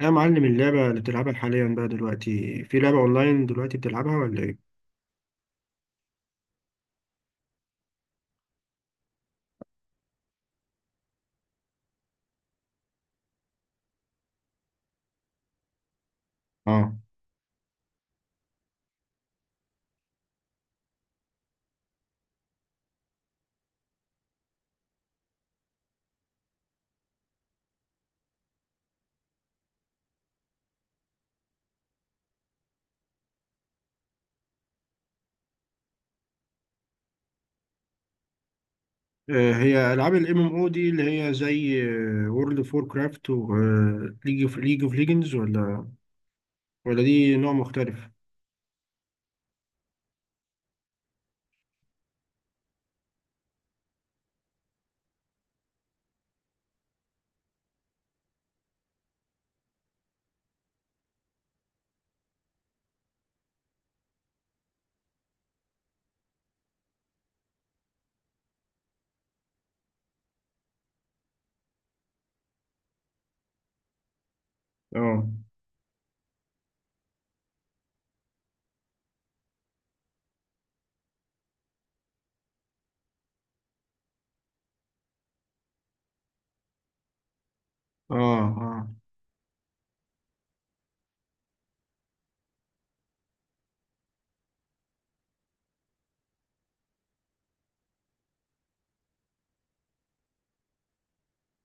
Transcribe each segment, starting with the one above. يا معلم اللعبة اللي بتلعبها حاليا بقى دلوقتي في لعبة أونلاين دلوقتي بتلعبها ولا إيه؟ اه. هي ألعاب ال MMO دي اللي هي زي وورلد أوف وور كرافت و ليج أوف ليجندز ولا دي نوع مختلف؟ اه. آه. آه.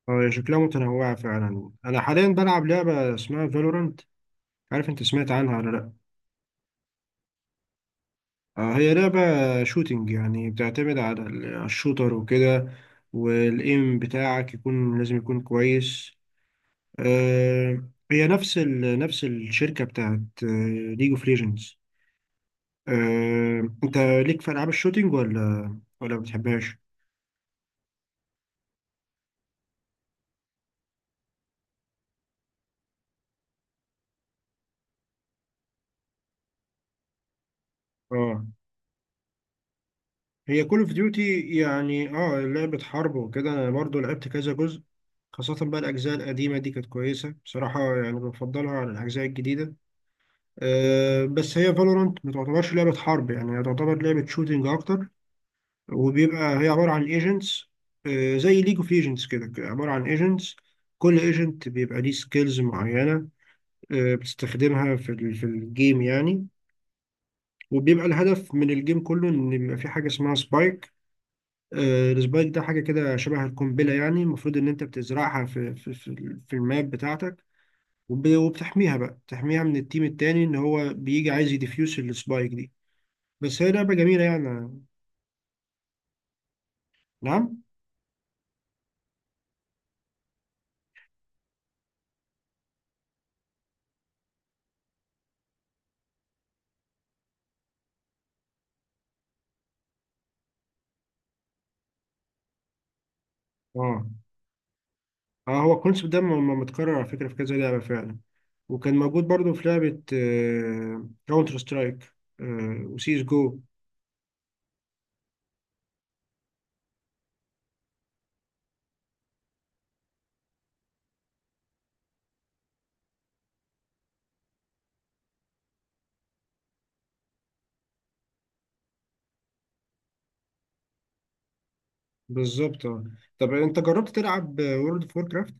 هي شكلها متنوعة فعلا. أنا حاليا بلعب لعبة اسمها فالورانت، عارف أنت سمعت عنها ولا لأ؟ آه، هي لعبة شوتينج، يعني بتعتمد على على الشوتر وكده، والإيم بتاعك يكون لازم يكون كويس. آه، هي نفس الشركة بتاعت ليج اوف ليجندز. انت ليك في العاب الشوتينج ولا ما بتحبهاش؟ اه، هي كول اوف ديوتي يعني اه لعبة حرب وكده، انا برضو لعبت كذا جزء. خاصة بقى الأجزاء القديمة دي كانت كويسة بصراحة، يعني بفضلها عن الأجزاء الجديدة. أه، بس هي فالورانت ما تعتبرش لعبة حرب، يعني هي تعتبر لعبة شوتينج أكتر. وبيبقى هي عبارة عن ايجنتس، زي ليج اوف ايجنتس كده عبارة عن ايجنتس. كل ايجنت بيبقى ليه سكيلز معينة، بتستخدمها في في الجيم يعني. وبيبقى الهدف من الجيم كله ان يبقى في حاجة اسمها سبايك. السبايك ده حاجة كده شبه القنبلة، يعني المفروض ان انت بتزرعها في الماب بتاعتك، وبتحميها بقى من التيم التاني ان هو بيجي عايز يديفيوس السبايك دي. بس هي لعبة جميلة يعني. نعم. اه. اه هو الكونسيبت ده متكرر على فكرة في كذا لعبة فعلا، وكان موجود برضو في لعبة كاونتر سترايك وسيس جو. بالظبط آه. طب انت جربت تلعب وورلد اوف وور كرافت؟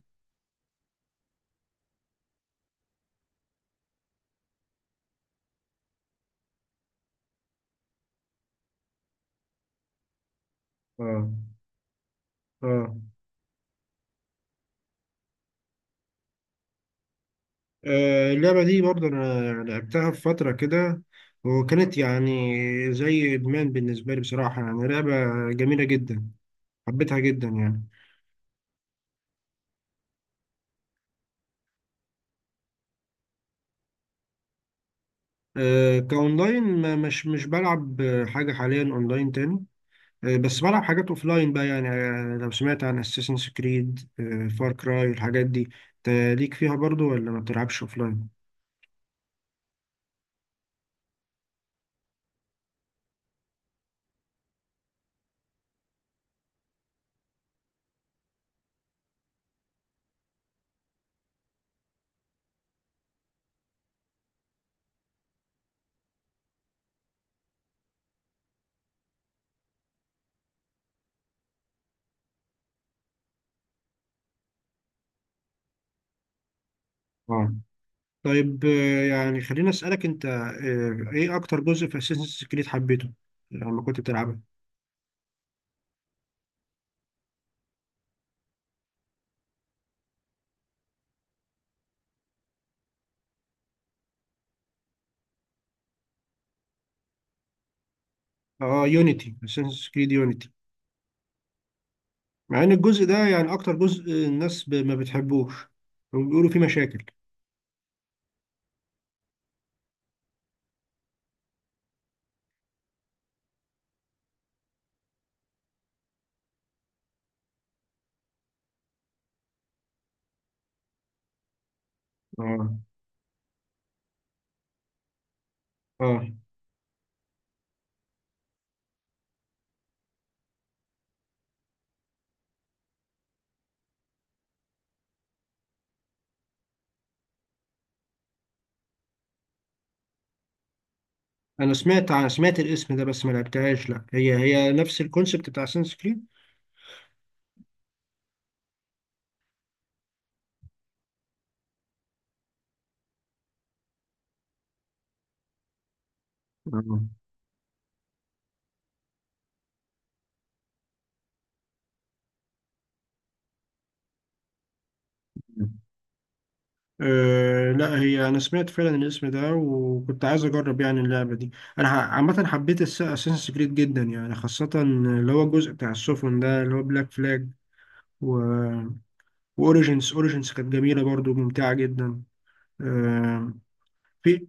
اه. اه. اللعبة دي برضه أنا لعبتها في فترة كده، وكانت يعني زي إدمان بالنسبة لي بصراحة، يعني لعبة جميلة جدا، حبيتها جدا يعني. كأونلاين مش بلعب حاجة حاليا أونلاين تاني. بس بلعب حاجات اوف لاين بقى، يعني لو سمعت عن اساسنز كريد فار كراي الحاجات دي، انت ليك فيها برضو ولا ما بتلعبش اوف لاين؟ اه. طيب يعني خليني اسالك انت، ايه اكتر جزء في اساسنز كريد حبيته لما كنت بتلعبها؟ اه يونيتي، اساسنز كريد يونيتي. مع ان الجزء ده يعني اكتر جزء الناس ما بتحبوش وبيقولوا فيه مشاكل. اه. اه انا سمعت عن، سمعت الاسم ده بس ما لعبتهاش. لا، هي نفس الكونسيبت بتاع اساسنز كريد. اه. أه لا، هي انا سمعت فعلا الاسم ده وكنت عايز اجرب يعني اللعبه دي. انا عامه حبيت اساسنس كريد جدا، يعني خاصه اللي هو الجزء بتاع السفن ده اللي هو بلاك فلاج، و... واوريجينز. اوريجينز كانت جميله برضو، ممتعه جدا. أه. في.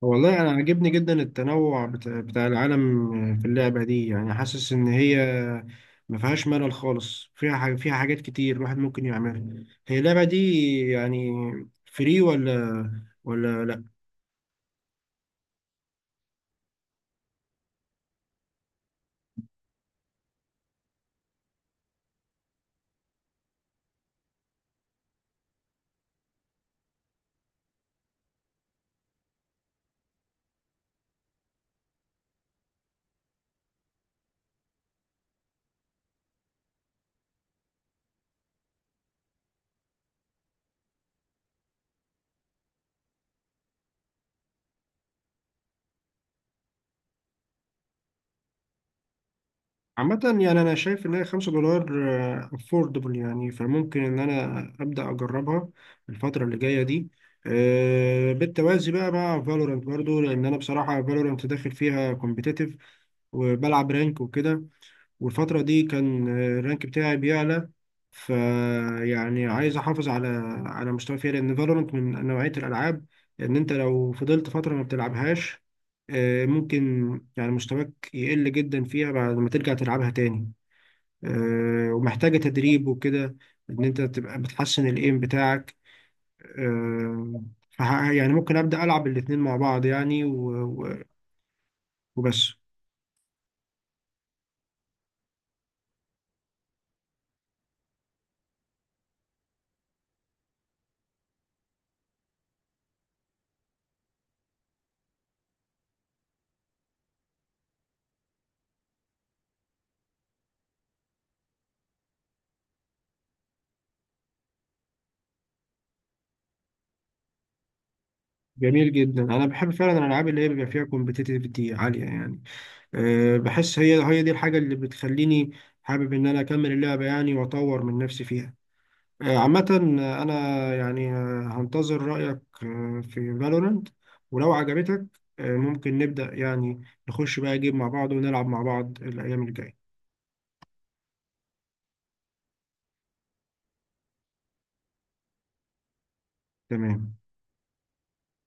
والله أنا عاجبني جدا التنوع بتاع العالم في اللعبة دي، يعني حاسس إن هي ما فيهاش ملل خالص، فيها فيها حاجات كتير الواحد ممكن يعملها. هي اللعبة دي يعني فري ولا لأ؟ عامة يعني أنا شايف إن هي $5 أفوردبل، يعني فممكن إن أنا أبدأ أجربها الفترة اللي جاية دي، بالتوازي بقى مع فالورانت برضو، لأن أنا بصراحة فالورانت داخل فيها كومبيتيتيف وبلعب رانك وكده، والفترة دي كان الرانك بتاعي بيعلى. فيعني عايز احافظ على مستوى فيها، لان فالورانت من نوعية الالعاب ان انت لو فضلت فترة ما بتلعبهاش، ممكن يعني مستواك يقل جدا فيها بعد ما ترجع تلعبها تاني، ومحتاجة تدريب وكده، ان انت تبقى بتحسن الايم بتاعك، آه، يعني ممكن ابدا العب الاتنين مع بعض يعني وبس. جميل جدا، انا بحب فعلا الالعاب اللي هي بيبقى فيها كومبتيتيفيتي عاليه يعني. أه، بحس هي دي الحاجه اللي بتخليني حابب ان انا اكمل اللعبه يعني، واطور من نفسي فيها. أه عامه، انا يعني هنتظر رايك في فالورانت، ولو عجبتك ممكن نبدا يعني نخش بقى جيم مع بعض ونلعب مع بعض الايام الجايه. تمام.